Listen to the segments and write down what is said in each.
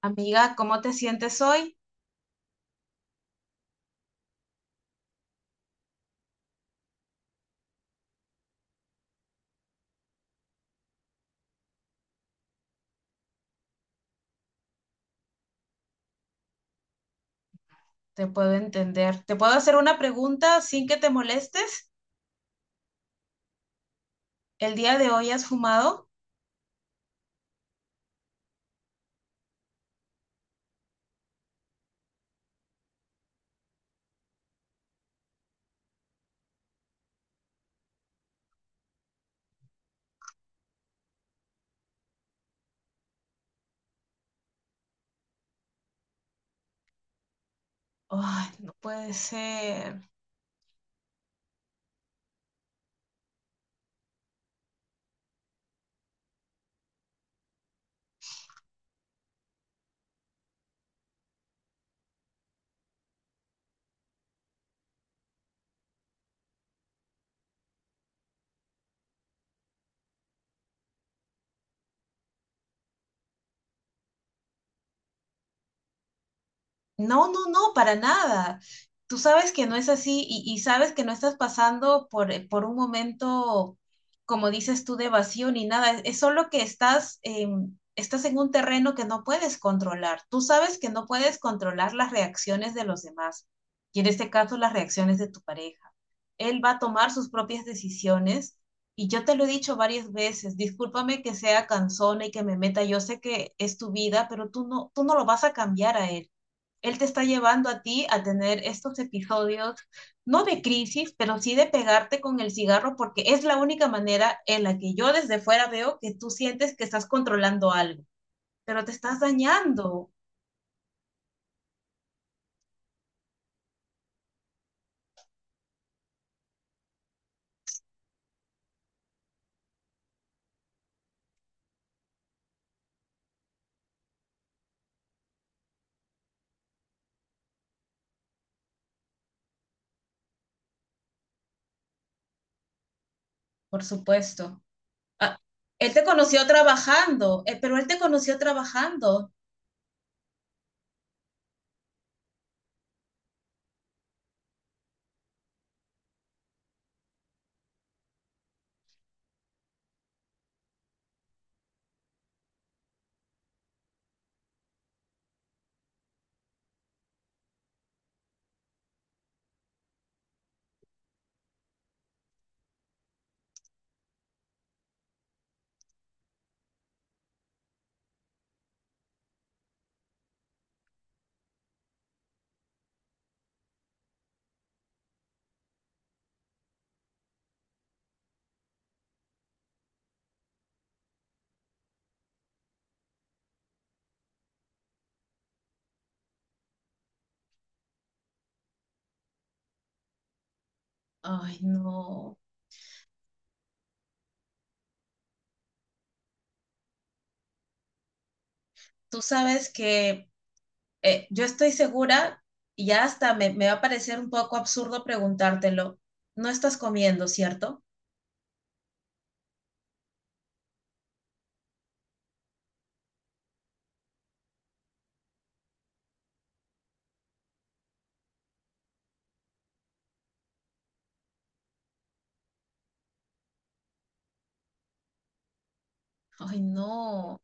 Amiga, ¿cómo te sientes hoy? Te puedo entender. ¿Te puedo hacer una pregunta sin que te molestes? ¿El día de hoy has fumado? Ay, no puede ser. No, no, no, para nada. Tú sabes que no es así y sabes que no estás pasando por un momento, como dices tú, de vacío ni nada. Es solo que estás, estás en un terreno que no puedes controlar. Tú sabes que no puedes controlar las reacciones de los demás y en este caso las reacciones de tu pareja. Él va a tomar sus propias decisiones y yo te lo he dicho varias veces. Discúlpame que sea cansona y que me meta. Yo sé que es tu vida, pero tú no lo vas a cambiar a él. Él te está llevando a ti a tener estos episodios, no de crisis, pero sí de pegarte con el cigarro, porque es la única manera en la que yo desde fuera veo que tú sientes que estás controlando algo, pero te estás dañando, por supuesto. Ah, él te conoció trabajando, pero él te conoció trabajando. Ay, no. Tú sabes que yo estoy segura, y ya hasta me va a parecer un poco absurdo preguntártelo, no estás comiendo, ¿cierto? Ay, no.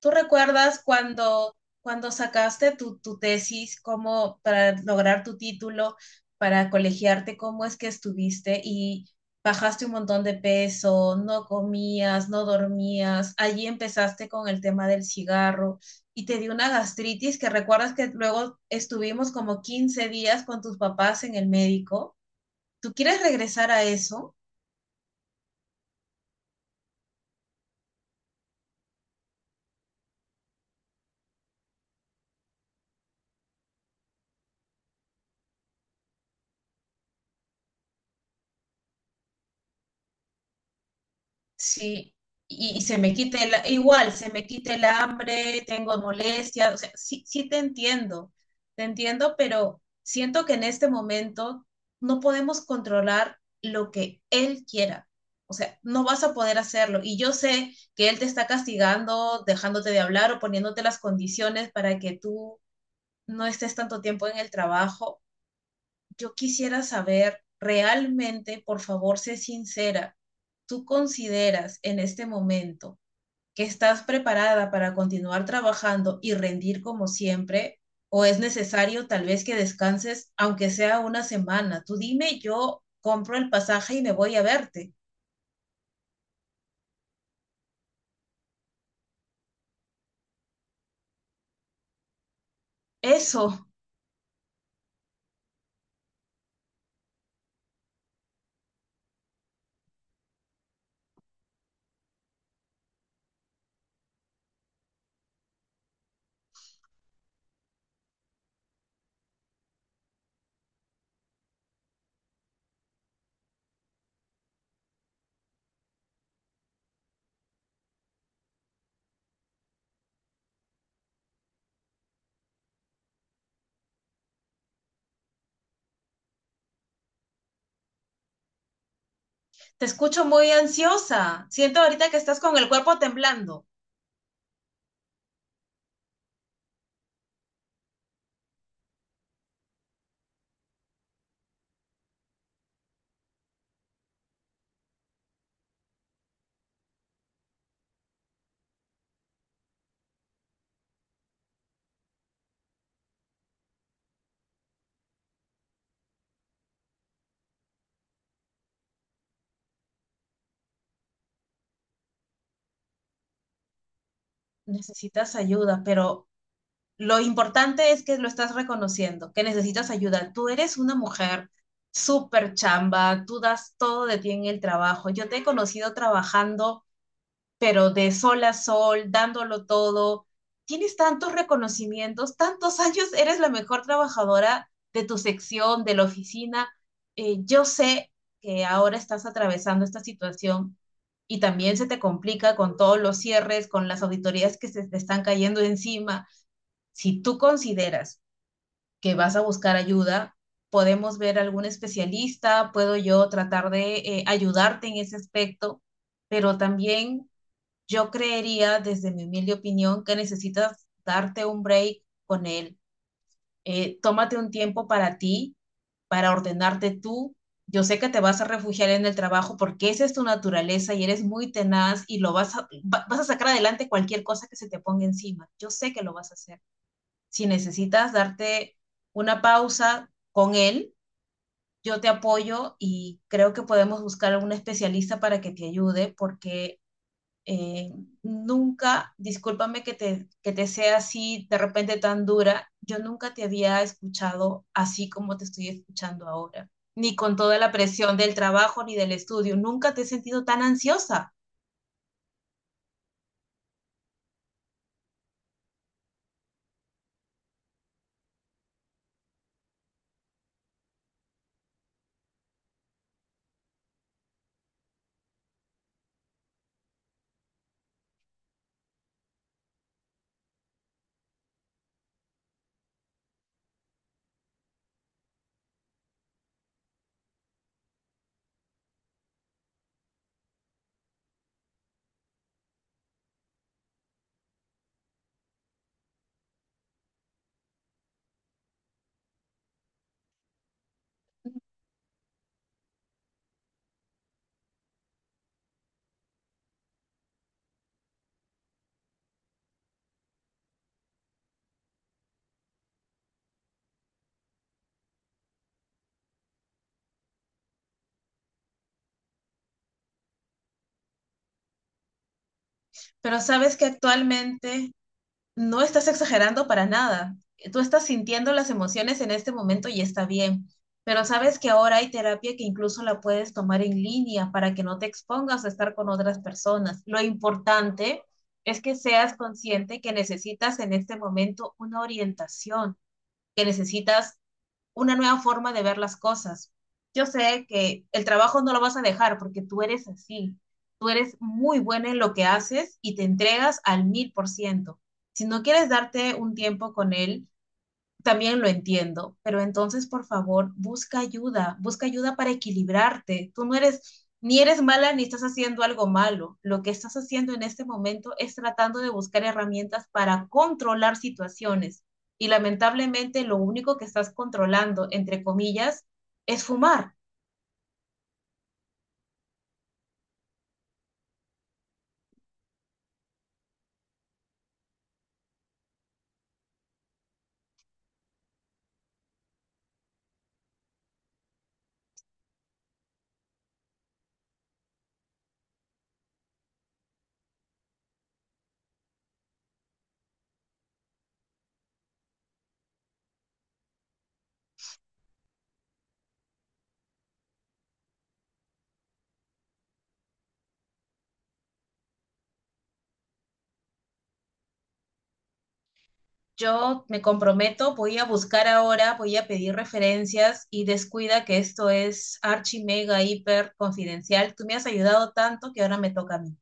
¿Tú recuerdas cuando, cuando sacaste tu tesis, cómo para lograr tu título, para colegiarte, cómo es que estuviste y bajaste un montón de peso, no comías, no dormías, allí empezaste con el tema del cigarro y te dio una gastritis que recuerdas que luego estuvimos como 15 días con tus papás en el médico? ¿Tú quieres regresar a eso? Sí, y se me quita el, igual, se me quita el hambre, tengo molestias, o sea, sí, sí te entiendo, pero siento que en este momento no podemos controlar lo que él quiera. O sea, no vas a poder hacerlo. Y yo sé que él te está castigando, dejándote de hablar o poniéndote las condiciones para que tú no estés tanto tiempo en el trabajo. Yo quisiera saber realmente, por favor, sé sincera, ¿tú consideras en este momento que estás preparada para continuar trabajando y rendir como siempre? ¿O es necesario tal vez que descanses, aunque sea una semana? Tú dime, yo compro el pasaje y me voy a verte. Eso, te escucho muy ansiosa. Siento ahorita que estás con el cuerpo temblando. Necesitas ayuda, pero lo importante es que lo estás reconociendo, que necesitas ayuda. Tú eres una mujer súper chamba, tú das todo de ti en el trabajo. Yo te he conocido trabajando, pero de sol a sol, dándolo todo. Tienes tantos reconocimientos, tantos años, eres la mejor trabajadora de tu sección, de la oficina. Yo sé que ahora estás atravesando esta situación y también se te complica con todos los cierres, con las auditorías que se te están cayendo encima. Si tú consideras que vas a buscar ayuda, podemos ver algún especialista, puedo yo tratar de ayudarte en ese aspecto, pero también yo creería, desde mi humilde opinión, que necesitas darte un break con él. Tómate un tiempo para ti, para ordenarte tú. Yo sé que te vas a refugiar en el trabajo porque esa es tu naturaleza y eres muy tenaz y lo vas a, vas a sacar adelante cualquier cosa que se te ponga encima. Yo sé que lo vas a hacer. Si necesitas darte una pausa con él, yo te apoyo y creo que podemos buscar a un especialista para que te ayude porque eh, nunca, discúlpame que te sea así de repente tan dura, yo nunca te había escuchado así como te estoy escuchando ahora, ni con toda la presión del trabajo ni del estudio, nunca te he sentido tan ansiosa. Pero sabes que actualmente no estás exagerando para nada. Tú estás sintiendo las emociones en este momento y está bien. Pero sabes que ahora hay terapia que incluso la puedes tomar en línea para que no te expongas a estar con otras personas. Lo importante es que seas consciente que necesitas en este momento una orientación, que necesitas una nueva forma de ver las cosas. Yo sé que el trabajo no lo vas a dejar porque tú eres así. Tú eres muy buena en lo que haces y te entregas al 1000%. Si no quieres darte un tiempo con él, también lo entiendo, pero entonces, por favor, busca ayuda para equilibrarte. Tú no eres, ni eres mala ni estás haciendo algo malo. Lo que estás haciendo en este momento es tratando de buscar herramientas para controlar situaciones. Y lamentablemente lo único que estás controlando, entre comillas, es fumar. Yo me comprometo, voy a buscar ahora, voy a pedir referencias y descuida que esto es archi mega hiper confidencial. Tú me has ayudado tanto que ahora me toca a mí.